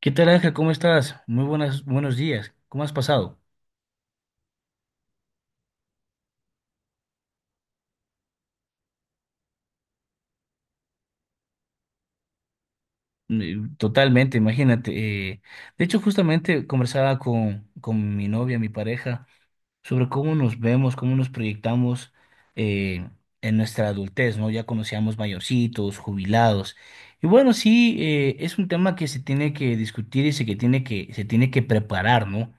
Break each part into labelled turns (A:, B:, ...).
A: ¿Qué tal, Ángel? ¿Cómo estás? Muy buenas, buenos días. ¿Cómo has pasado? Totalmente, imagínate. De hecho, justamente conversaba con mi novia, mi pareja, sobre cómo nos vemos, cómo nos proyectamos eh, en nuestra adultez, ¿no? Ya conocíamos mayorcitos, jubilados. Y bueno, sí, es un tema que se tiene que discutir y se tiene que preparar, ¿no?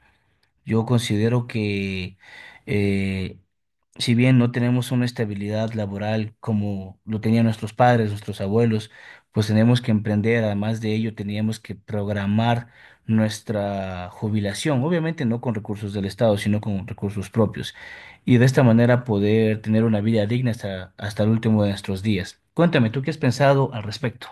A: Yo considero que eh, si bien no tenemos una estabilidad laboral como lo tenían nuestros padres, nuestros abuelos, pues tenemos que emprender, además de ello, teníamos que programar nuestra jubilación, obviamente no con recursos del Estado, sino con recursos propios, y de esta manera poder tener una vida digna hasta el último de nuestros días. Cuéntame, ¿tú qué has pensado al respecto?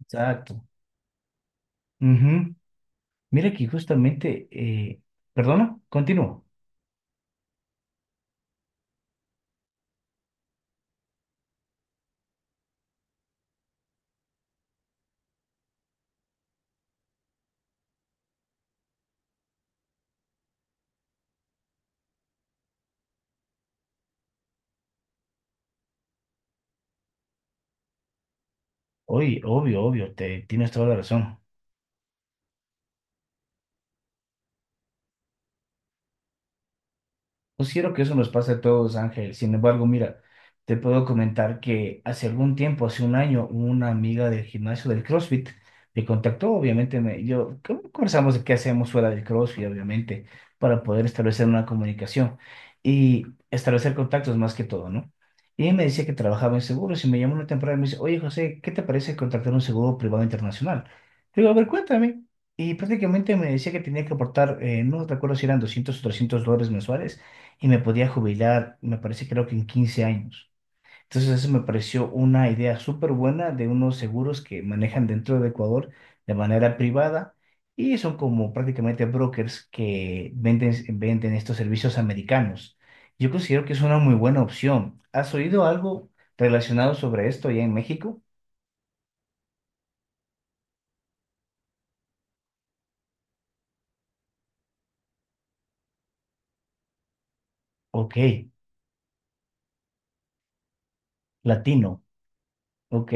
A: Exacto. Ujú. Mira que justamente, perdona, continúo. Oye, obvio, obvio, tienes toda la razón. Considero que eso nos pasa a todos, Ángel. Sin embargo, mira, te puedo comentar que hace algún tiempo, hace un año, una amiga del gimnasio del CrossFit me contactó, obviamente, yo ¿cómo conversamos de qué hacemos fuera del CrossFit, obviamente, para poder establecer una comunicación y establecer contactos más que todo, ¿no? Y ella me decía que trabajaba en seguros y me llamó una temporada y me dice, oye, José, ¿qué te parece contactar un seguro privado internacional? Le digo, a ver, cuéntame. Y prácticamente me decía que tenía que aportar, no recuerdo si eran $200 o $300 mensuales y me podía jubilar, me parece creo que en 15 años. Entonces eso me pareció una idea súper buena de unos seguros que manejan dentro de Ecuador de manera privada y son como prácticamente brokers que venden estos servicios americanos. Yo considero que es una muy buena opción. ¿Has oído algo relacionado sobre esto allá en México? Ok, latino, ok.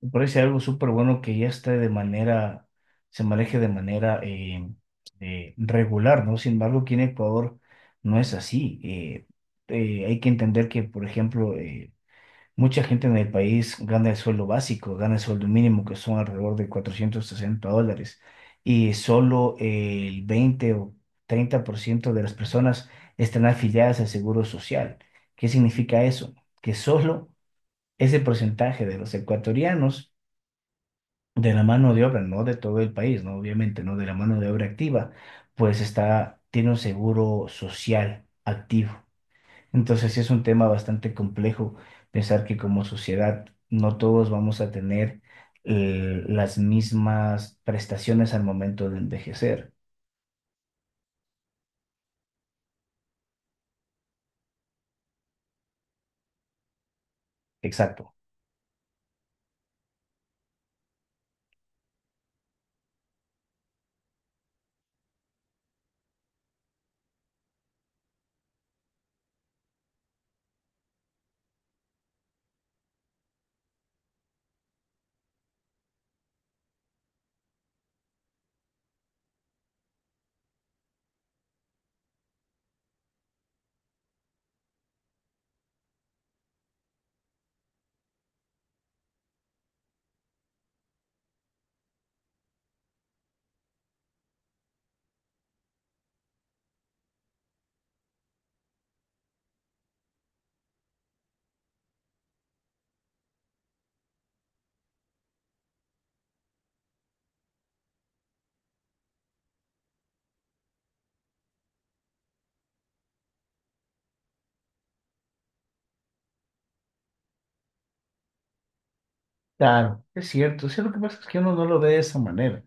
A: Me parece algo súper bueno que ya esté de manera, se maneje de manera regular, ¿no? Sin embargo, aquí en Ecuador no es así. Hay que entender que, por ejemplo, mucha gente en el país gana el sueldo básico, gana el sueldo mínimo, que son alrededor de $460, y solo el 20 o 30% de las personas están afiliadas al Seguro Social. ¿Qué significa eso? Que solo ese porcentaje de los ecuatorianos de la mano de obra, no de todo el país, ¿no? Obviamente, ¿no? De la mano de obra activa, pues está, tiene un seguro social activo. Entonces, sí es un tema bastante complejo pensar que como sociedad no todos vamos a tener las mismas prestaciones al momento de envejecer. Exacto. Claro, es cierto. Sí, lo que pasa es que uno no lo ve de esa manera.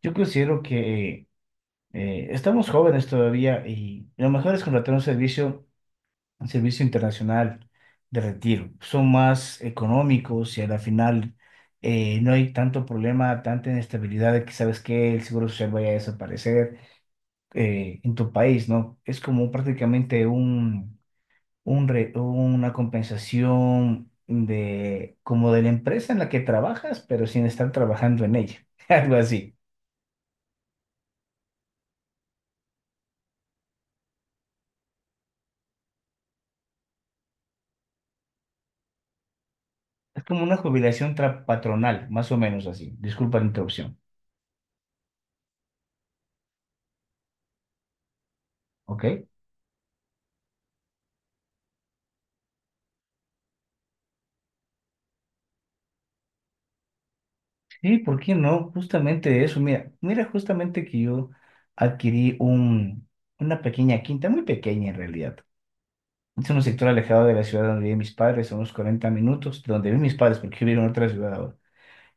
A: Yo considero que estamos jóvenes todavía y lo mejor es contratar un servicio el servicio internacional de retiro. Son más económicos y a la final no hay tanto problema, tanta inestabilidad de que sabes que el seguro social vaya a desaparecer en tu país, ¿no? Es como prácticamente una compensación de como de la empresa en la que trabajas, pero sin estar trabajando en ella, algo así. Es como una jubilación patronal, más o menos así. Disculpa la interrupción, ¿ok? Sí, ¿por qué no? Justamente eso, mira, mira justamente que yo adquirí una pequeña quinta, muy pequeña en realidad. Es un sector alejado de la ciudad donde viven mis padres, a unos 40 minutos, donde viven mis padres, porque vivieron en otra ciudad ahora.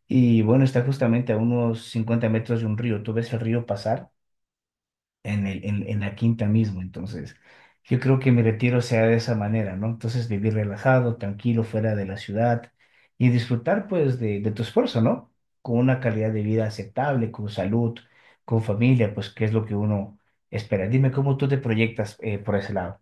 A: Y bueno, está justamente a unos 50 metros de un río. Tú ves el río pasar en la quinta mismo. Entonces, yo creo que mi retiro sea de esa manera, ¿no? Entonces, vivir relajado, tranquilo, fuera de la ciudad y disfrutar, pues, de tu esfuerzo, ¿no? Con una calidad de vida aceptable, con salud, con familia, pues, que es lo que uno espera. Dime cómo tú te proyectas por ese lado.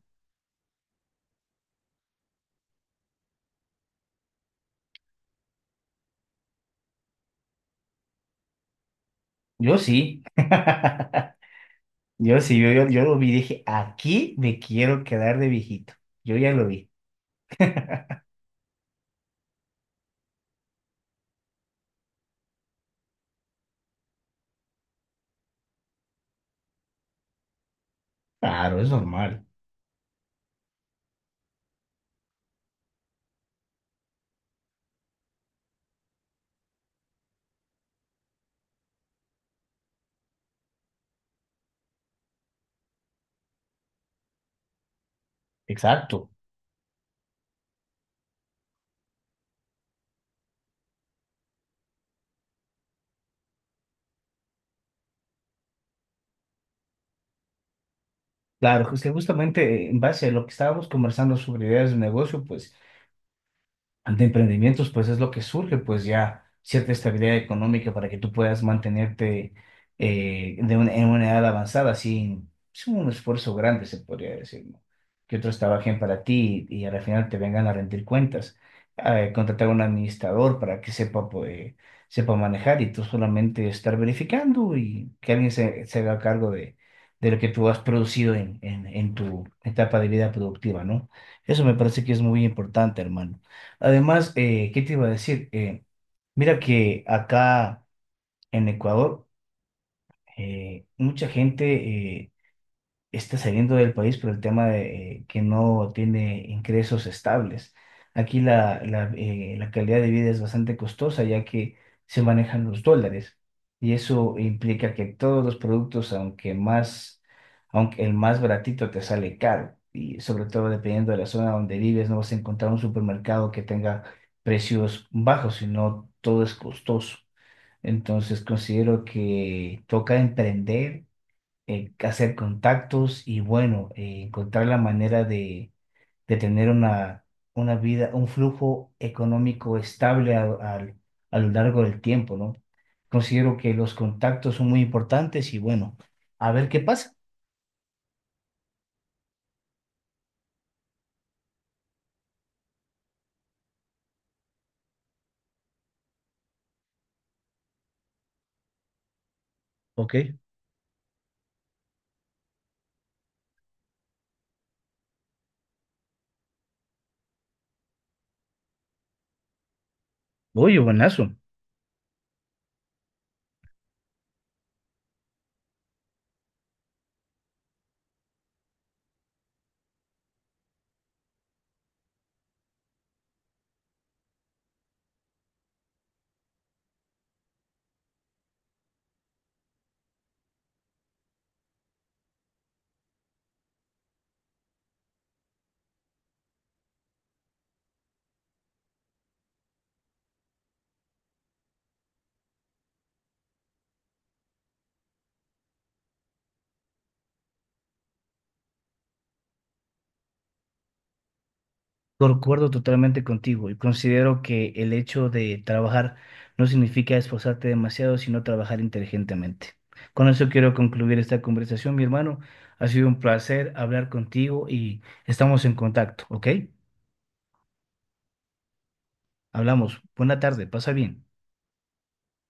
A: Yo sí. Yo sí, yo lo vi y dije, aquí me quiero quedar de viejito. Yo ya lo vi. Claro, es normal. Exacto. Claro, es que justamente en base a lo que estábamos conversando sobre ideas de negocio, pues de emprendimientos, pues es lo que surge, pues ya cierta estabilidad económica para que tú puedas mantenerte en una edad avanzada sin un esfuerzo grande, se podría decir, ¿no? Que otros trabajen para ti y al final te vengan a rendir cuentas. Contratar a un administrador para que sepa, pues, sepa manejar y tú solamente estar verificando y que alguien se haga cargo de lo que tú has producido en tu etapa de vida productiva, ¿no? Eso me parece que es muy importante, hermano. Además, ¿qué te iba a decir? Mira que acá en Ecuador, mucha gente eh, está saliendo del país por el tema de que no tiene ingresos estables. Aquí la calidad de vida es bastante costosa ya que se manejan los dólares y eso implica que todos los productos, aunque más, aunque el más baratito te sale caro y sobre todo dependiendo de la zona donde vives, no vas a encontrar un supermercado que tenga precios bajos, sino todo es costoso. Entonces considero que toca emprender hacer contactos y bueno, encontrar la manera de tener una vida, un flujo económico estable a lo largo del tiempo, ¿no? Considero que los contactos son muy importantes y bueno, a ver qué pasa. Ok. Oye, buenazo. Concuerdo totalmente contigo y considero que el hecho de trabajar no significa esforzarte demasiado, sino trabajar inteligentemente. Con eso quiero concluir esta conversación, mi hermano. Ha sido un placer hablar contigo y estamos en contacto, ¿ok? Hablamos. Buena tarde, pasa bien.